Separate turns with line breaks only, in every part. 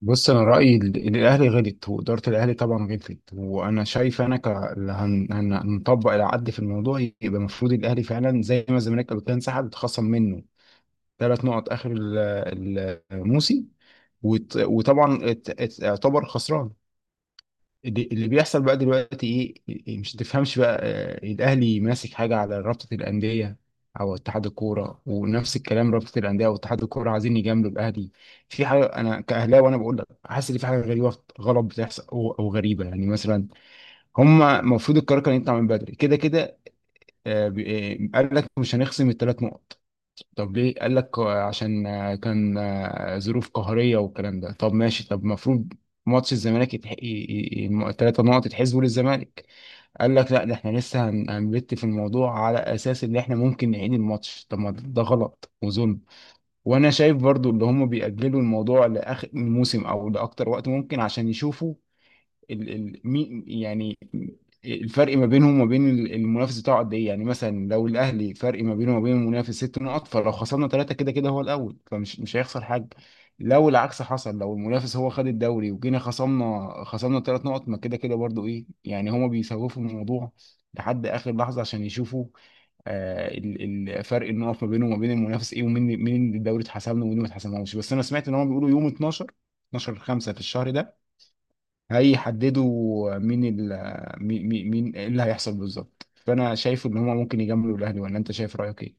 بص انا رايي إن الاهلي غلط، واداره الاهلي طبعا غلطت. وانا شايف انا ك اللي هنطبق العد في الموضوع، يبقى المفروض الاهلي فعلا زي ما الزمالك قبل كده انسحب، اتخصم منه ثلاث نقط اخر الموسم، وطبعا اعتبر خسران. اللي بيحصل بقى دلوقتي ايه؟ مش تفهمش بقى. آه، إيه، الاهلي ماسك حاجه على رابطه الانديه او اتحاد الكوره، ونفس الكلام رابطه الانديه واتحاد الكوره عايزين يجاملوا الاهلي في حاجه. انا كاهلاوي وانا بقول لك حاسس ان في حاجه غريبه غلط بتحصل، او غريبه يعني. مثلا هم المفروض القرار كان يطلع من بدري كده كده. قال لك مش هنخصم الثلاث نقط. طب ليه؟ قال لك عشان كان ظروف قهرية والكلام ده. طب ماشي، طب المفروض ماتش الزمالك الثلاثة نقط يتحسبوا للزمالك. قال لك لا، ده احنا لسه هنبت في الموضوع على اساس ان احنا ممكن نعيد الماتش. طب ما ده غلط وظلم. وانا شايف برضو اللي هم بيأجلوا الموضوع لاخر الموسم او لاكتر وقت ممكن عشان يشوفوا ال مين يعني الفرق ما بينهم وما بين المنافس بتاعه قد ايه. يعني مثلا لو الاهلي فرق ما بينه وما بين المنافس ست نقط، فلو خسرنا ثلاثه، كده كده هو الاول، فمش مش هيخسر حاجه. لو العكس حصل، لو المنافس هو خد الدوري وجينا خصمنا ثلاث نقط، ما كده كده برضو. ايه يعني، هما بيسوفوا الموضوع لحد اخر لحظه عشان يشوفوا فرق النقط ما بينه وما بين المنافس ايه، ومين الدوري اتحسم له ومين ما اتحسملوش. بس انا سمعت ان هم بيقولوا يوم 12، 12/5 في الشهر ده هيحددوا مين ال مين مين مين إيه اللي هيحصل بالظبط. فانا شايف ان هما ممكن يجاملوا الاهلي، ولا انت شايف رايك ايه؟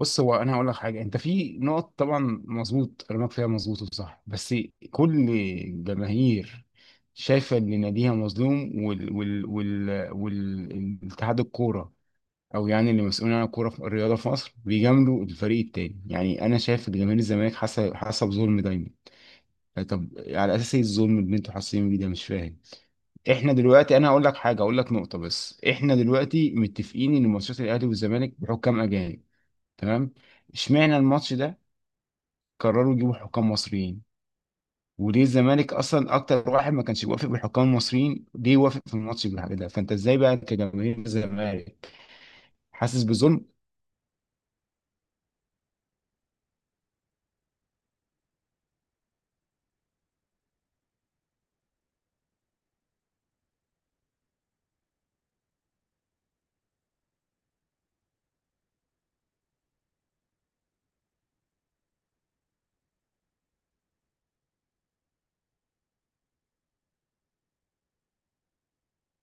بص، هو انا هقول لك حاجه. انت في نقط طبعا مظبوط كلامك فيها، مظبوط وصح، بس كل جماهير شايفه ان ناديها مظلوم، وال والاتحاد الكوره او يعني اللي مسؤولين عن الكوره في الرياضه في مصر بيجاملوا الفريق التاني. يعني انا شايف ان جماهير الزمالك حاسه بظلم دايما. طب على اساس ايه الظلم اللي انتوا حاسين بيه ده؟ مش فاهم. احنا دلوقتي، انا هقول لك حاجه، هقول لك نقطه بس. احنا دلوقتي متفقين ان ماتشات الاهلي والزمالك بحكام اجانب. تمام؟ اشمعنى الماتش ده قرروا يجيبوا حكام مصريين؟ وليه الزمالك اصلا، اكتر واحد ما كانش بيوافق بالحكام المصريين، ليه وافق في الماتش بالحاجه ده؟ فانت ازاي بقى كجماهير الزمالك حاسس بظلم؟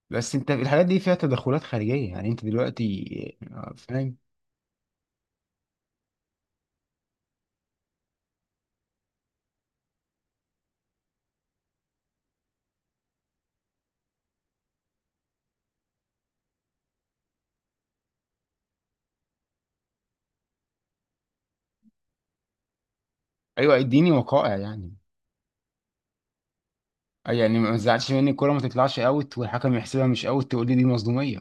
بس انت الحاجات دي فيها تدخلات خارجيه يعني، انت دلوقتي فاهم. ايوه، اديني وقائع يعني. أي يعني ما تزعلش مني، الكوره ما تطلعش اوت والحكم يحسبها مش اوت تقول لي دي مصدوميه.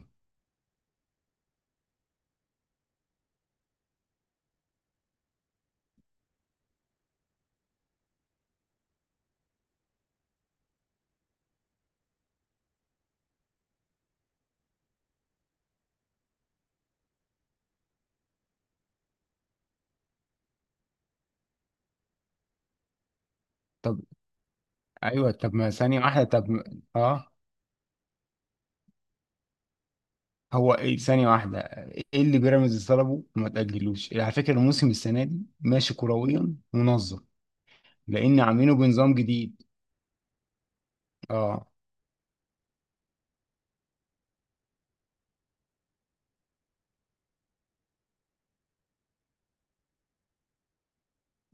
ايوه، طب ما ثانيه واحده، طب ما- اه، هو ايه؟ ثانيه واحده، ايه اللي بيراميدز طلبه وما تاجلوش؟ على فكره الموسم السنه دي ماشي كرويا منظم لان عاملينه بنظام جديد. اه.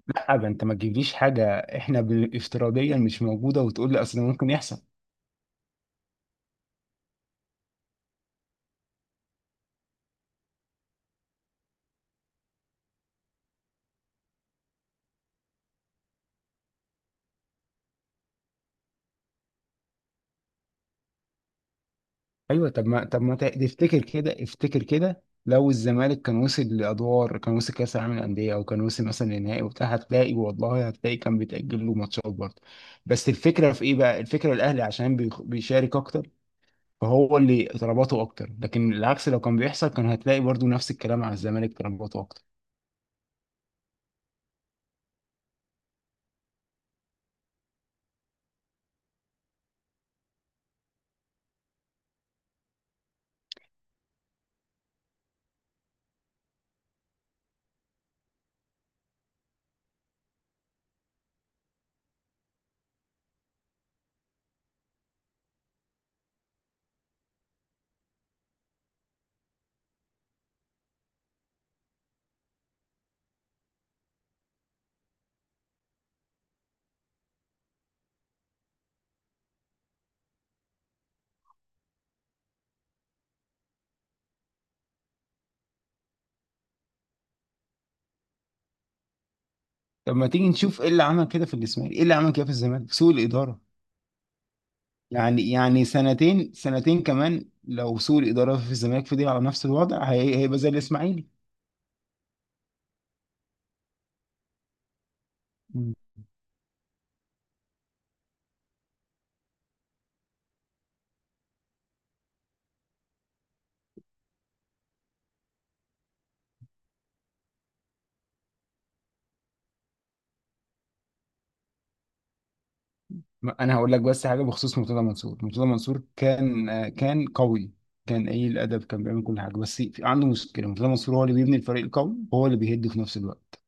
لا، ده انت ما تجيبليش حاجه احنا افتراضيا مش موجوده وتقول لي اصل ممكن يحصل. ايوه، طب ما طب ما ت- تفتكر كده؟ افتكر كده، لو الزمالك كان وصل لادوار، كان وصل كاس العالم للانديه او كان وصل مثلا للنهائي وبتاع، هتلاقي والله هتلاقي كان بيتاجل له ماتشات برضه. بس الفكره في ايه بقى؟ الفكره الاهلي عشان بيشارك اكتر، فهو اللي طلباته اكتر. لكن العكس لو كان بيحصل، كان هتلاقي برضه نفس الكلام على الزمالك، طلباته اكتر. طب ما تيجي نشوف ايه اللي عمل كده في الاسماعيلي، ايه اللي عمل كده في الزمالك؟ سوء الاداره. يعني سنتين سنتين كمان لو سوء الاداره في الزمالك فضل على نفس الوضع، هيبقى زي الاسماعيلي. مم. انا هقول لك بس حاجه بخصوص مرتضى منصور. مرتضى منصور كان، كان قوي، كان قليل الادب، كان بيعمل كل حاجه، بس عنده مشكله. مرتضى منصور هو اللي بيبني الفريق القوي وهو اللي بيهد في نفس الوقت.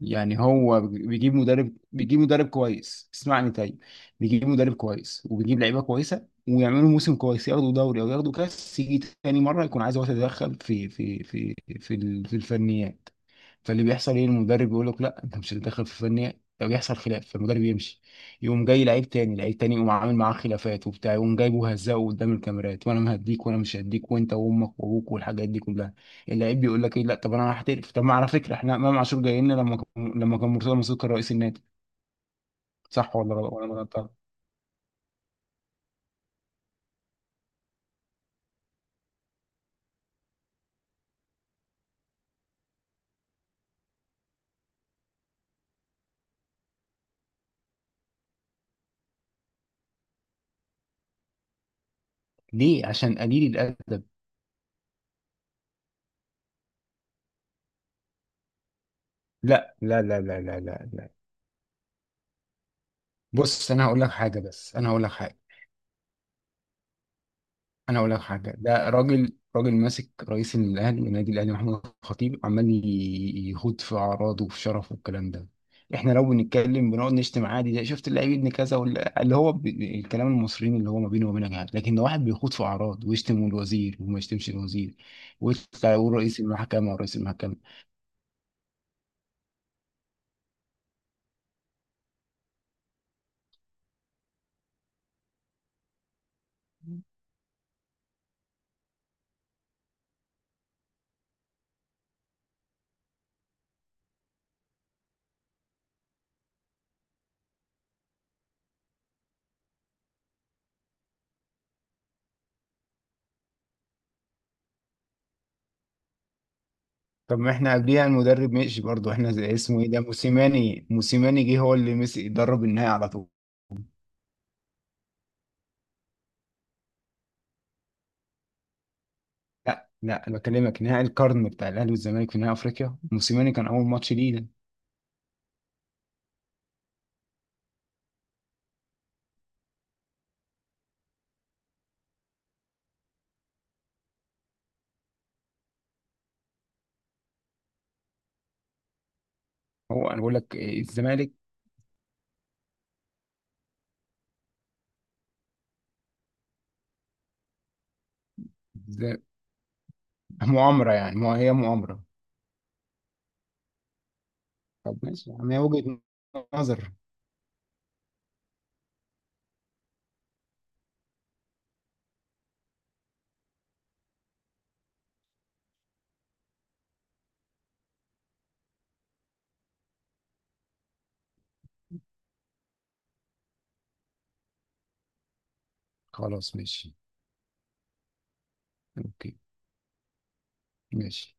يعني هو بيجيب مدرب كويس، اسمعني طيب، بيجيب مدرب كويس وبيجيب لعيبه كويسه ويعملوا موسم كويس، ياخدوا دوري او ياخدوا كاس. يجي تاني مره يكون عايز هو يتدخل في في الفنيات. فاللي بيحصل ايه؟ المدرب يقول لك لا انت مش هتتدخل في الفنيات، لو يحصل خلاف فالمدرب يمشي. يقوم جاي لعيب تاني، لعيب تاني يقوم عامل معاه خلافات وبتاع، يقوم جايبه هزقه قدام الكاميرات، وانا مهديك وانا مش هديك وانت وامك وابوك والحاجات دي كلها. اللعيب بيقول لك ايه، لا طب انا هحترف. طب ما على فكره احنا امام عاشور جاي لنا لما كان مرتضى منصور كان رئيس النادي. صح ولا غلط، ولا أنا غلطان؟ ليه؟ عشان قليل الادب. لا لا لا لا لا لا لا. بص انا هقول لك حاجه، انا اقول لك حاجه. ده راجل، راجل ماسك رئيس الاهلي، النادي الاهلي محمد الخطيب، عمال يخوض في اعراضه وفي شرفه والكلام ده. احنا لو بنتكلم بنقعد نشتم عادي، ده شفت اللعيب ابن كذا اللي هو الكلام المصريين اللي هو ما بينه وما بينك، لكن لو واحد بيخوض في اعراض ويشتم الوزير، وما يشتمش الوزير، ويطلع يقول رئيس المحكمه ورئيس المحكمه. طب ما احنا قبليها المدرب مشي برضه احنا، زي اسمه ايه ده، موسيماني. موسيماني جه هو اللي مسك درب النهائي على طول. لا لا، انا بكلمك نهائي القرن بتاع الاهلي والزمالك في نهائي افريقيا، موسيماني كان اول ماتش ليه ده. هو انا بقول لك الزمالك ز- مؤامره يعني، ما هي مؤامره. طب ماشي، يعني هي وجهه نظر. خلاص ماشي. اوكي. ماشي.